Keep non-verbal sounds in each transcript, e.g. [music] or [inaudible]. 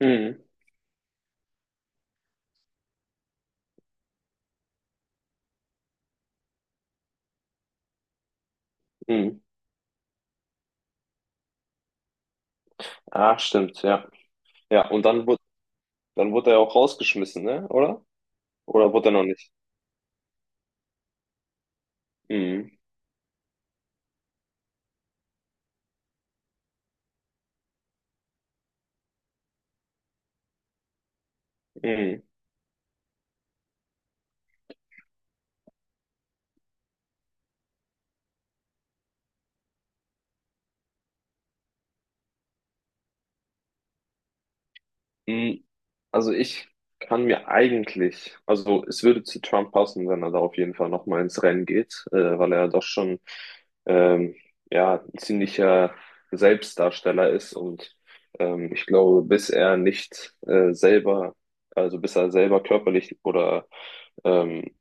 Mhm. Mhm. Ah, stimmt, ja. Ja, und dann wurde er auch rausgeschmissen, ne? Oder? Oder wurde er noch nicht? Mhm. Mhm. Mhm. Also ich kann mir eigentlich, also es würde zu Trump passen, wenn er da auf jeden Fall nochmal ins Rennen geht, weil er doch schon ähm, ja, ein ziemlicher Selbstdarsteller ist. Und ich glaube, bis er nicht selber, also bis er selber körperlich oder ähm,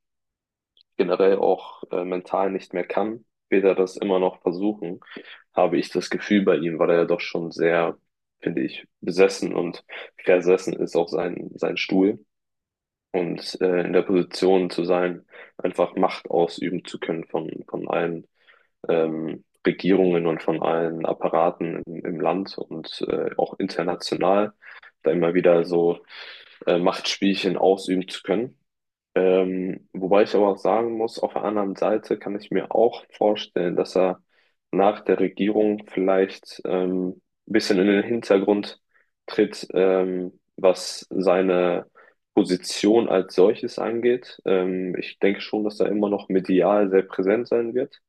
generell auch mental nicht mehr kann, wird er das immer noch versuchen, habe ich das Gefühl bei ihm, weil er ja doch schon sehr, finde ich, besessen und versessen ist auf seinen Stuhl und in der Position zu sein, einfach Macht ausüben zu können von allen Regierungen und von allen Apparaten im Land und auch international, da immer wieder so Machtspielchen ausüben zu können. Wobei ich aber auch sagen muss, auf der anderen Seite kann ich mir auch vorstellen, dass er nach der Regierung vielleicht ein bisschen in den Hintergrund tritt, was seine Position als solches angeht. Ich denke schon, dass er immer noch medial sehr präsent sein wird,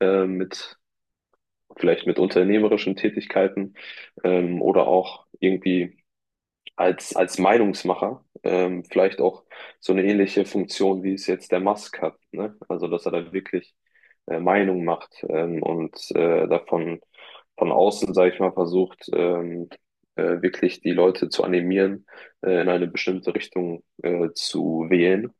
mit vielleicht mit unternehmerischen Tätigkeiten, oder auch irgendwie als Meinungsmacher, vielleicht auch so eine ähnliche Funktion, wie es jetzt der Musk hat, ne? Also, dass er da wirklich Meinung macht, und davon von außen, sage ich mal, versucht, wirklich die Leute zu animieren, in eine bestimmte Richtung zu wählen.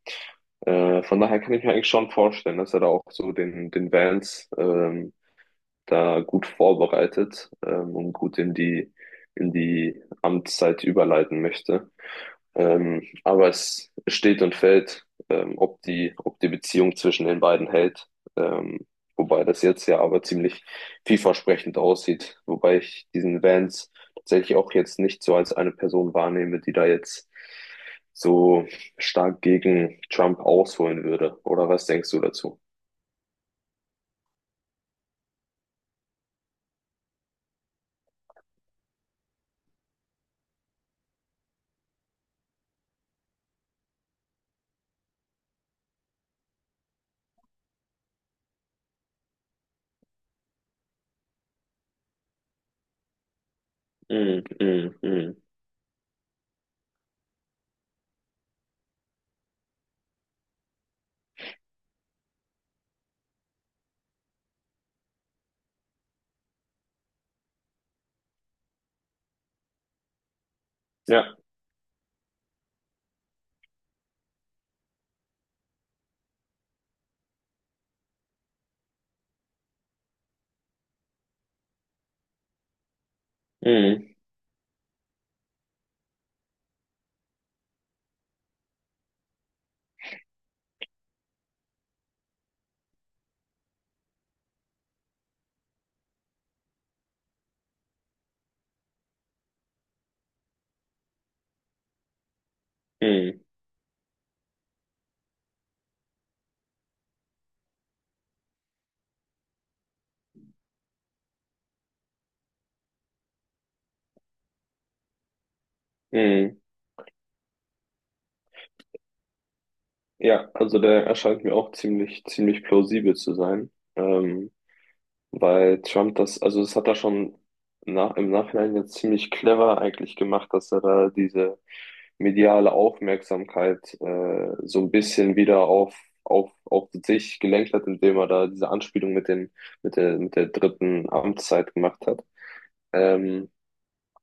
Von daher kann ich mir eigentlich schon vorstellen, dass er da auch so den Vance da gut vorbereitet, und gut in die Amtszeit überleiten möchte. Aber es steht und fällt, ob die Beziehung zwischen den beiden hält. Ähm, wobei das jetzt ja aber ziemlich vielversprechend aussieht. Wobei ich diesen Vance tatsächlich auch jetzt nicht so als eine Person wahrnehme, die da jetzt so stark gegen Trump ausholen würde. Oder was denkst du dazu? Mm, mm, mm. Ja. Mm, mm. Mhm. Ja, also der erscheint mir auch ziemlich, ziemlich plausibel zu sein, ähm, weil Trump das, also das hat er schon im Nachhinein jetzt ziemlich clever eigentlich gemacht, dass er da diese mediale Aufmerksamkeit so ein bisschen wieder auf sich gelenkt hat, indem er da diese Anspielung mit der dritten Amtszeit gemacht hat. Ähm,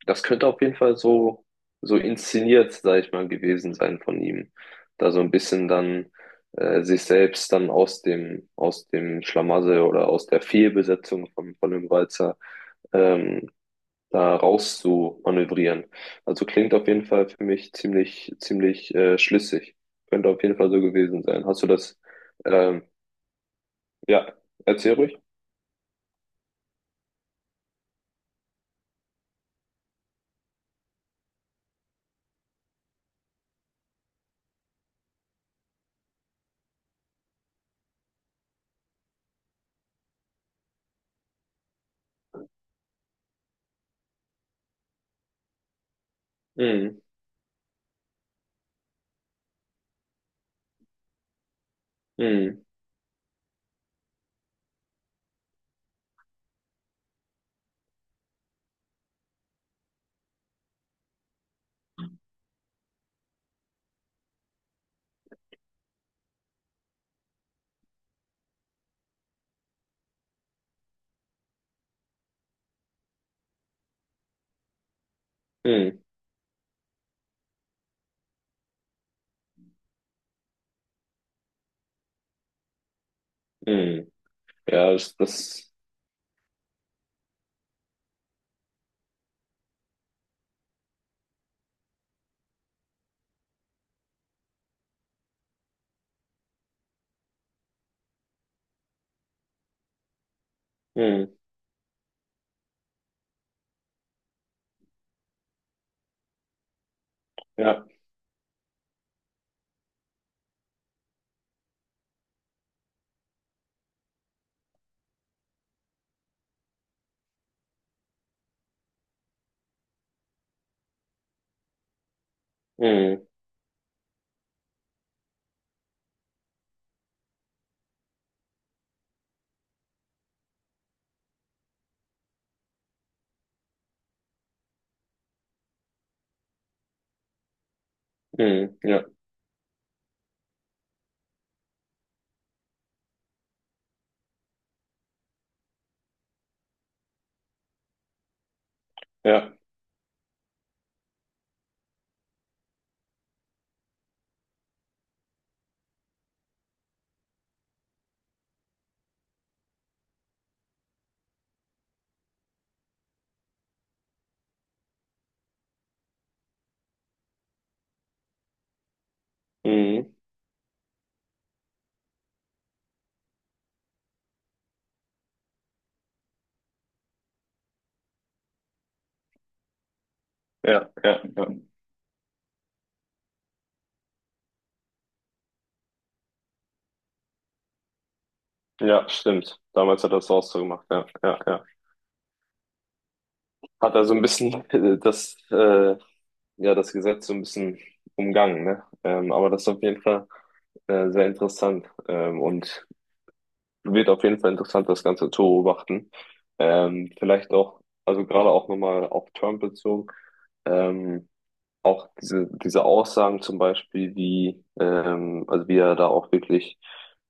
das könnte auf jeden Fall so, so inszeniert, sag ich mal, gewesen sein von ihm. Da so ein bisschen dann sich selbst dann aus dem Schlamassel oder aus der Fehlbesetzung von dem Walzer, ähm, da raus zu manövrieren. Also klingt auf jeden Fall für mich ziemlich, ziemlich schlüssig. Könnte auf jeden Fall so gewesen sein. Hast du das? Ähm, ja, erzähl ruhig. Mm, mm, mm, mm. Ja, das mm, ja. Mm. Mhm. Ja, ja. Mhm. Ja, ja, ja. Ja, stimmt. Damals hat er es auch so gemacht, ja, ja, ja. Hat er so ein bisschen [laughs] ja, das Gesetz so ein bisschen umgangen, ne? Aber das ist auf jeden Fall sehr interessant, und wird auf jeden Fall interessant, das Ganze zu beobachten. Vielleicht auch, also gerade auch nochmal auf Trump bezogen. Ähm, Auch diese Aussagen zum Beispiel, wie, also wie er da auch wirklich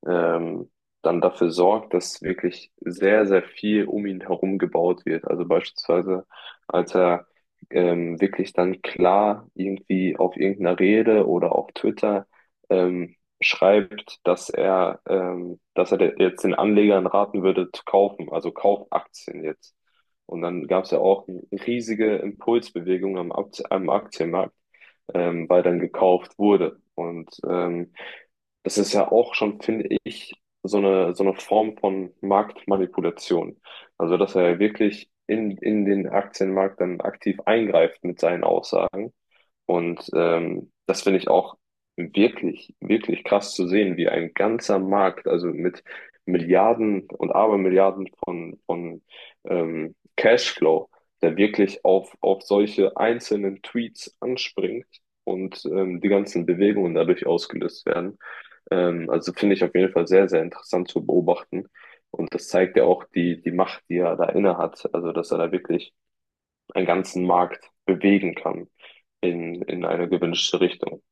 ähm, dann dafür sorgt, dass wirklich sehr, sehr viel um ihn herum gebaut wird. Also beispielsweise, als er wirklich dann klar irgendwie auf irgendeiner Rede oder auf Twitter ähm, schreibt, dass er jetzt den Anlegern raten würde zu kaufen, also Kaufaktien jetzt. Und dann gab es ja auch riesige Impulsbewegungen am Aktienmarkt, weil dann gekauft wurde. Und das ist ja auch schon, finde ich, so eine Form von Marktmanipulation. Also, dass er wirklich in den Aktienmarkt dann aktiv eingreift mit seinen Aussagen. Und das finde ich auch wirklich, wirklich krass zu sehen, wie ein ganzer Markt, also mit Milliarden und Abermilliarden von Cashflow, der wirklich auf solche einzelnen Tweets anspringt und die ganzen Bewegungen dadurch ausgelöst werden. Also finde ich auf jeden Fall sehr, sehr interessant zu beobachten. Und das zeigt ja auch die Macht, die er da inne hat. Also, dass er da wirklich einen ganzen Markt bewegen kann in eine gewünschte Richtung.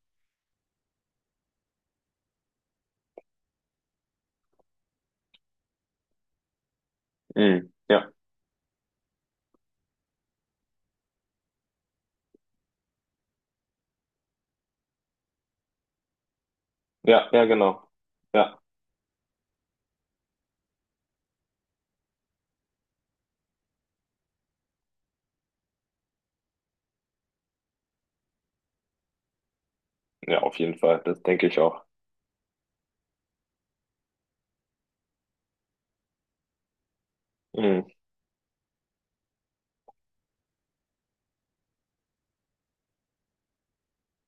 Mhm. Ja, ja, ja, genau. Ja, ja, auf jeden Fall. Das denke ich auch. Mhm.